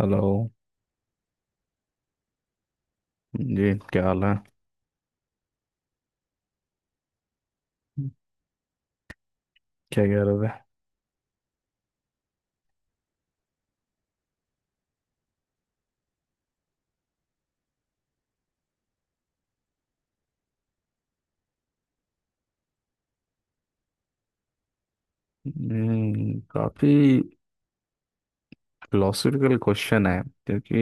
Hello जी, क्या हाल है? क्या कह रहे थे? काफी फिलोसफिकल क्वेश्चन है. क्योंकि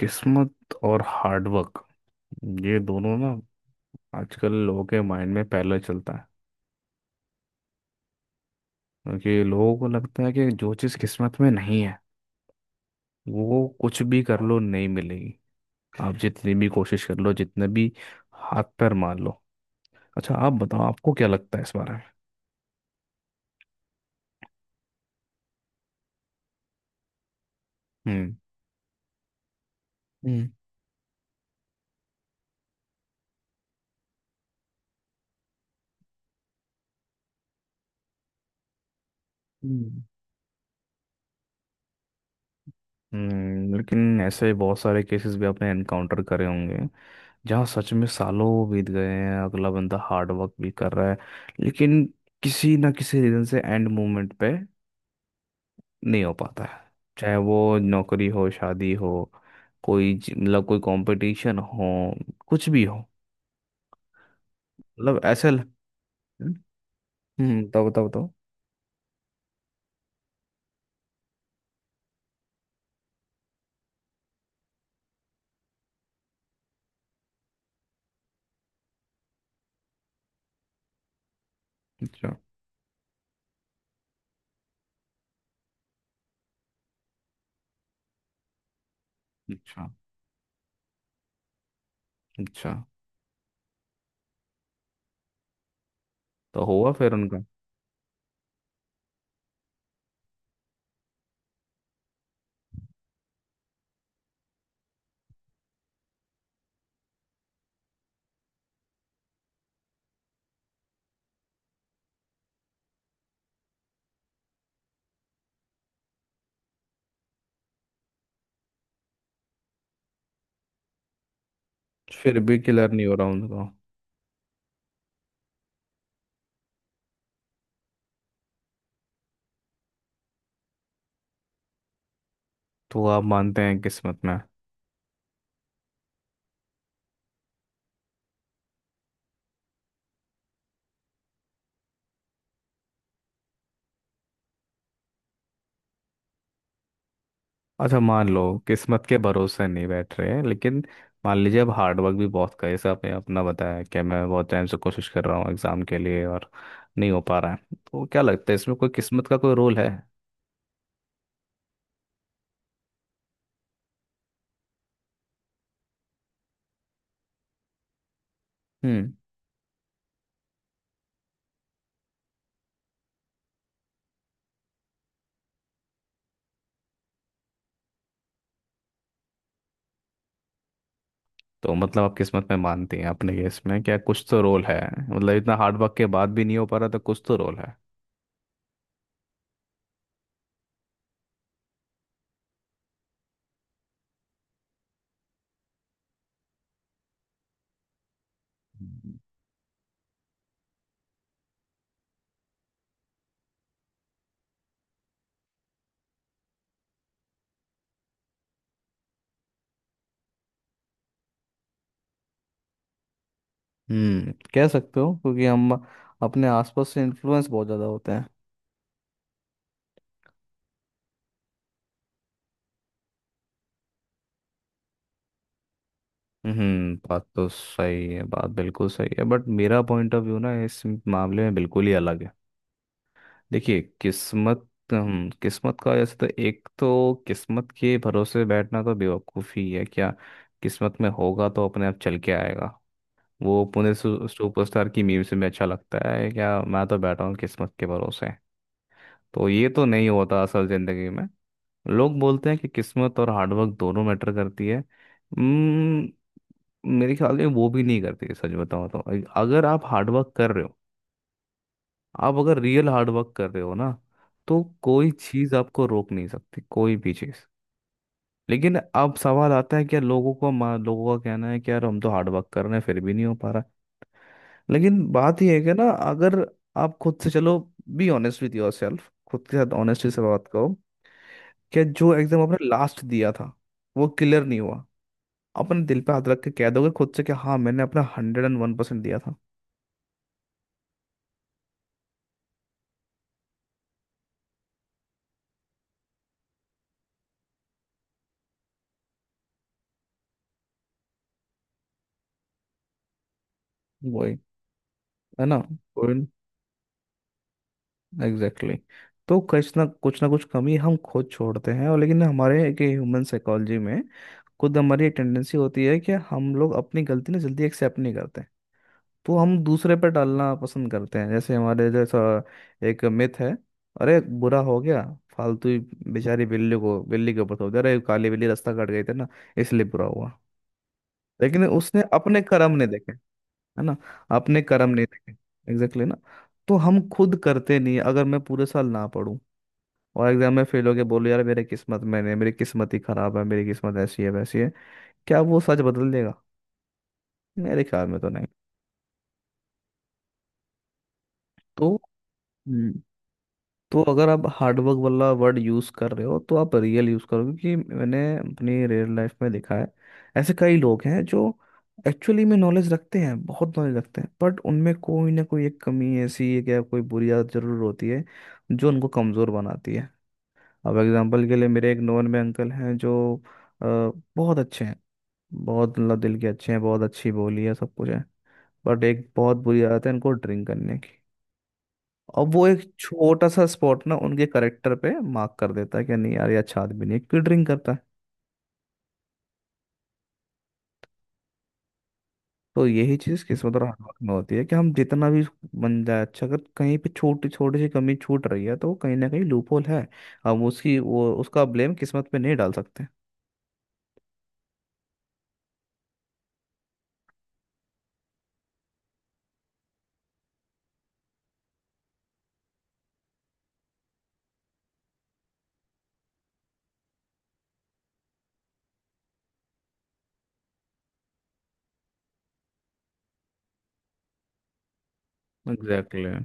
किस्मत और हार्डवर्क, ये दोनों ना आजकल लोगों के माइंड में पहले चलता है. क्योंकि लोगों को लगता है कि जो चीज़ किस्मत में नहीं है, वो कुछ भी कर लो नहीं मिलेगी. आप जितनी भी कोशिश कर लो, जितने भी हाथ पैर मार लो. अच्छा, आप बताओ, आपको क्या लगता है इस बारे में? हम्म. हम्म. लेकिन ऐसे बहुत सारे केसेस भी आपने एनकाउंटर करे होंगे जहाँ सच में सालों बीत गए हैं, अगला बंदा हार्ड वर्क भी कर रहा है, लेकिन किसी ना किसी रीजन से एंड मोमेंट पे नहीं हो पाता है. चाहे वो नौकरी हो, शादी हो, कोई मतलब कोई कंपटीशन हो, कुछ भी हो. मतलब ऐसे बताओ बताओ बताओ. अच्छा, अच्छा, अच्छा. तो हुआ फिर उनका? फिर भी क्लियर नहीं हो रहा उनका? तो आप मानते हैं किस्मत में? अच्छा, मान लो. किस्मत के भरोसे नहीं बैठ रहे हैं, लेकिन मान लीजिए अब हार्डवर्क भी बहुत का है. जैसे आपने अपना बताया कि मैं बहुत टाइम से कोशिश कर रहा हूँ एग्जाम के लिए और नहीं हो पा रहा है, तो क्या लगता है, इसमें कोई किस्मत का कोई रोल है? हम्म. तो मतलब आप किस्मत में मानती हैं, अपने केस में क्या कुछ तो रोल है? मतलब इतना हार्डवर्क के बाद भी नहीं हो पा रहा, तो कुछ तो रोल है? हम्म. कह सकते हो क्योंकि हम अपने आसपास से इन्फ्लुएंस बहुत ज़्यादा होते हैं. बात तो सही है, बात बिल्कुल सही है, बट मेरा पॉइंट ऑफ व्यू ना इस मामले में बिल्कुल ही अलग है. देखिए, किस्मत, किस्मत का जैसे, तो एक तो किस्मत के भरोसे बैठना तो बेवकूफ़ी है क्या? किस्मत में होगा तो अपने आप चल के आएगा. वो पुणे सुपरस्टार की मीम से भी अच्छा लगता है, क्या मैं तो बैठा हूँ किस्मत के भरोसे? तो ये तो नहीं होता असल ज़िंदगी में. लोग बोलते हैं कि किस्मत और हार्डवर्क दोनों मैटर करती है. हम्म, मेरे ख्याल में वो भी नहीं करते, सच बताओ तो. अगर आप हार्डवर्क कर रहे हो, आप अगर रियल हार्डवर्क कर रहे हो ना, तो कोई चीज़ आपको रोक नहीं सकती, कोई भी चीज़. लेकिन अब सवाल आता है, क्या लोगों का कहना है कि यार हम तो हार्डवर्क कर रहे हैं फिर भी नहीं हो पा रहा है. लेकिन बात यह है कि ना, अगर आप खुद से, चलो, be honest with yourself, खुद के साथ ऑनेस्टी से बात करो कि जो एग्जाम आपने लास्ट दिया था वो क्लियर नहीं हुआ, अपने दिल पे हाथ रख के कह दोगे खुद से कि हाँ, मैंने अपना 101% दिया था? वही. है ना? Exactly exactly. तो कुछ ना कुछ ना कुछ कमी हम खुद छोड़ते हैं, और लेकिन हमारे एक ह्यूमन साइकोलॉजी में खुद हमारी टेंडेंसी होती है कि हम लोग अपनी गलती ना जल्दी एक्सेप्ट नहीं करते. तो हम दूसरे पर डालना पसंद करते हैं, जैसे हमारे जैसा एक मिथ है, अरे बुरा हो गया फालतू ही, बेचारी बिल्ली के ऊपर थोप दिया, अरे काली बिल्ली रास्ता काट गई थी ना इसलिए बुरा हुआ. लेकिन उसने अपने कर्म नहीं देखे. है ना? अपने कर्म नहीं देखे. एग्जैक्टली ना. तो हम खुद करते नहीं, अगर मैं पूरे साल ना पढूं और एग्जाम में फेल हो गया, बोलो यार मेरे किस्मत में नहीं, मेरी किस्मत ही खराब है, मेरी किस्मत ऐसी है, वैसी है. क्या वो सच बदल देगा? मेरे ख्याल में तो नहीं. तो तो अगर आप हार्डवर्क वाला वर्ड यूज़ कर रहे हो तो आप रियल यूज़ करो, क्योंकि मैंने अपनी रियल लाइफ में देखा है, ऐसे कई लोग हैं जो एक्चुअली में नॉलेज रखते हैं, बहुत नॉलेज रखते हैं, बट उनमें कोई ना कोई एक कमी ऐसी है, क्या कोई बुरी आदत जरूर होती है जो उनको कमज़ोर बनाती है. अब एग्जांपल के लिए, मेरे एक नॉन में अंकल हैं जो अ, बहुत अच्छे हैं, बहुत मतलब दिल के अच्छे हैं, बहुत अच्छी बोली है, सब कुछ है. बट एक बहुत बुरी आदत है इनको, ड्रिंक करने की. और वो एक छोटा सा स्पॉट ना उनके करेक्टर पे मार्क कर देता है, कि नहीं यार ये अच्छा आदमी नहीं है, क्यों ड्रिंक करता है. तो यही चीज किस्मत और हाथ में होती है, कि हम जितना भी बन जाए अच्छा, अगर कहीं पे छोटी छोटी सी कमी छूट रही है, तो वो कहीं ना कहीं लूपहोल है. हम उसकी वो उसका ब्लेम किस्मत पे नहीं डाल सकते. Exactly exactly.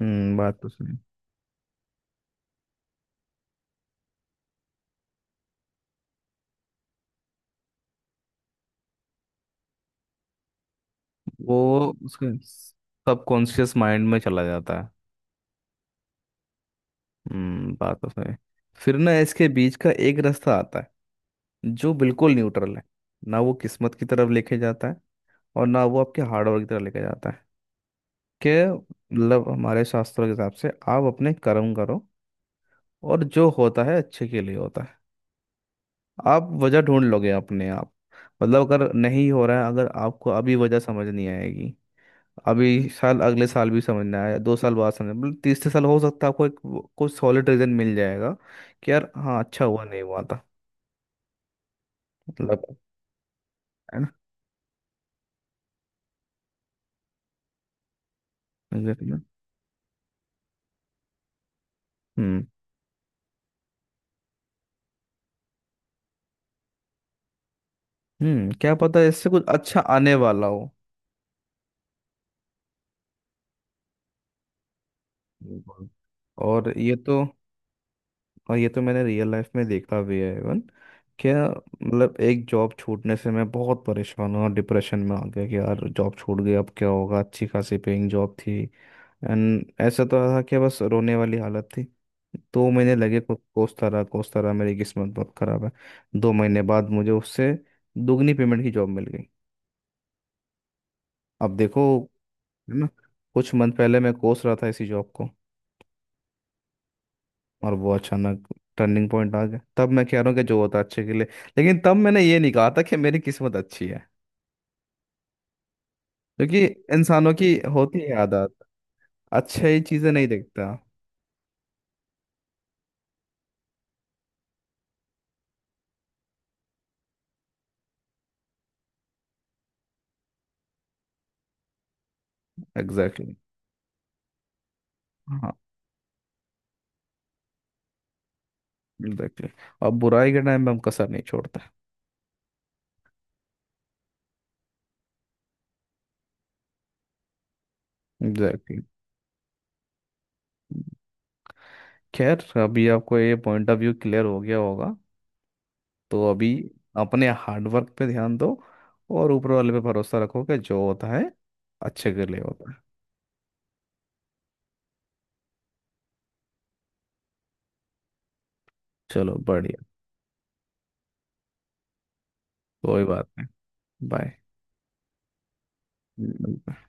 बात तो सही. वो उसके सबकॉन्शियस माइंड में चला जाता है. बात तो सही. फिर ना इसके बीच का एक रास्ता आता है जो बिल्कुल न्यूट्रल है. ना वो किस्मत की तरफ लेके जाता है और ना वो आपके हार्डवर्क की तरह लेके जाता है. कि मतलब हमारे शास्त्रों के हिसाब से आप अपने कर्म करो, और जो होता है अच्छे के लिए होता है. आप वजह ढूंढ लोगे अपने आप. मतलब अगर नहीं हो रहा है, अगर आपको अभी वजह समझ नहीं आएगी, अभी साल, अगले साल भी समझ ना आया, 2 साल बाद समझ, मतलब तीसरे साल हो सकता है आपको एक कोई सॉलिड रीजन मिल जाएगा, कि यार हाँ अच्छा हुआ नहीं हुआ था. मतलब. है ना? Exactly. हम्म. क्या पता इससे कुछ अच्छा आने वाला हो. बिल्कुल. और ये तो और ये तो मैंने रियल लाइफ में देखा भी है, इवन. क्या मतलब, एक जॉब छूटने से मैं बहुत परेशान हूँ और डिप्रेशन में आ गया कि यार जॉब छूट गई, अब क्या होगा, अच्छी खासी पेइंग जॉब थी. एंड ऐसा तो था कि बस रोने वाली हालत थी. 2 महीने लगे, कोसता रहा, कोसता रहा, मेरी किस्मत बहुत खराब है. 2 महीने बाद मुझे उससे दुगनी पेमेंट की जॉब मिल गई. अब देखो. है ना? कुछ मंथ पहले मैं कोस रहा था इसी जॉब को, और वो अचानक टर्निंग पॉइंट आ गया. तब मैं कह रहा हूँ कि जो होता है अच्छे के लिए. लेकिन तब मैंने ये नहीं कहा था कि मेरी किस्मत अच्छी है. क्योंकि इंसानों की होती है आदत, अच्छी चीजें नहीं देखता. Exactly exactly. हाँ. Exactly exactly. और बुराई के टाइम पे हम कसर नहीं छोड़ते. Exactly exactly. खैर, अभी आपको ये पॉइंट ऑफ व्यू क्लियर हो गया होगा, तो अभी अपने हार्डवर्क पे ध्यान दो और ऊपर वाले पे भरोसा रखो कि जो होता है अच्छे के लिए होता है. चलो बढ़िया. कोई बात नहीं. बाय.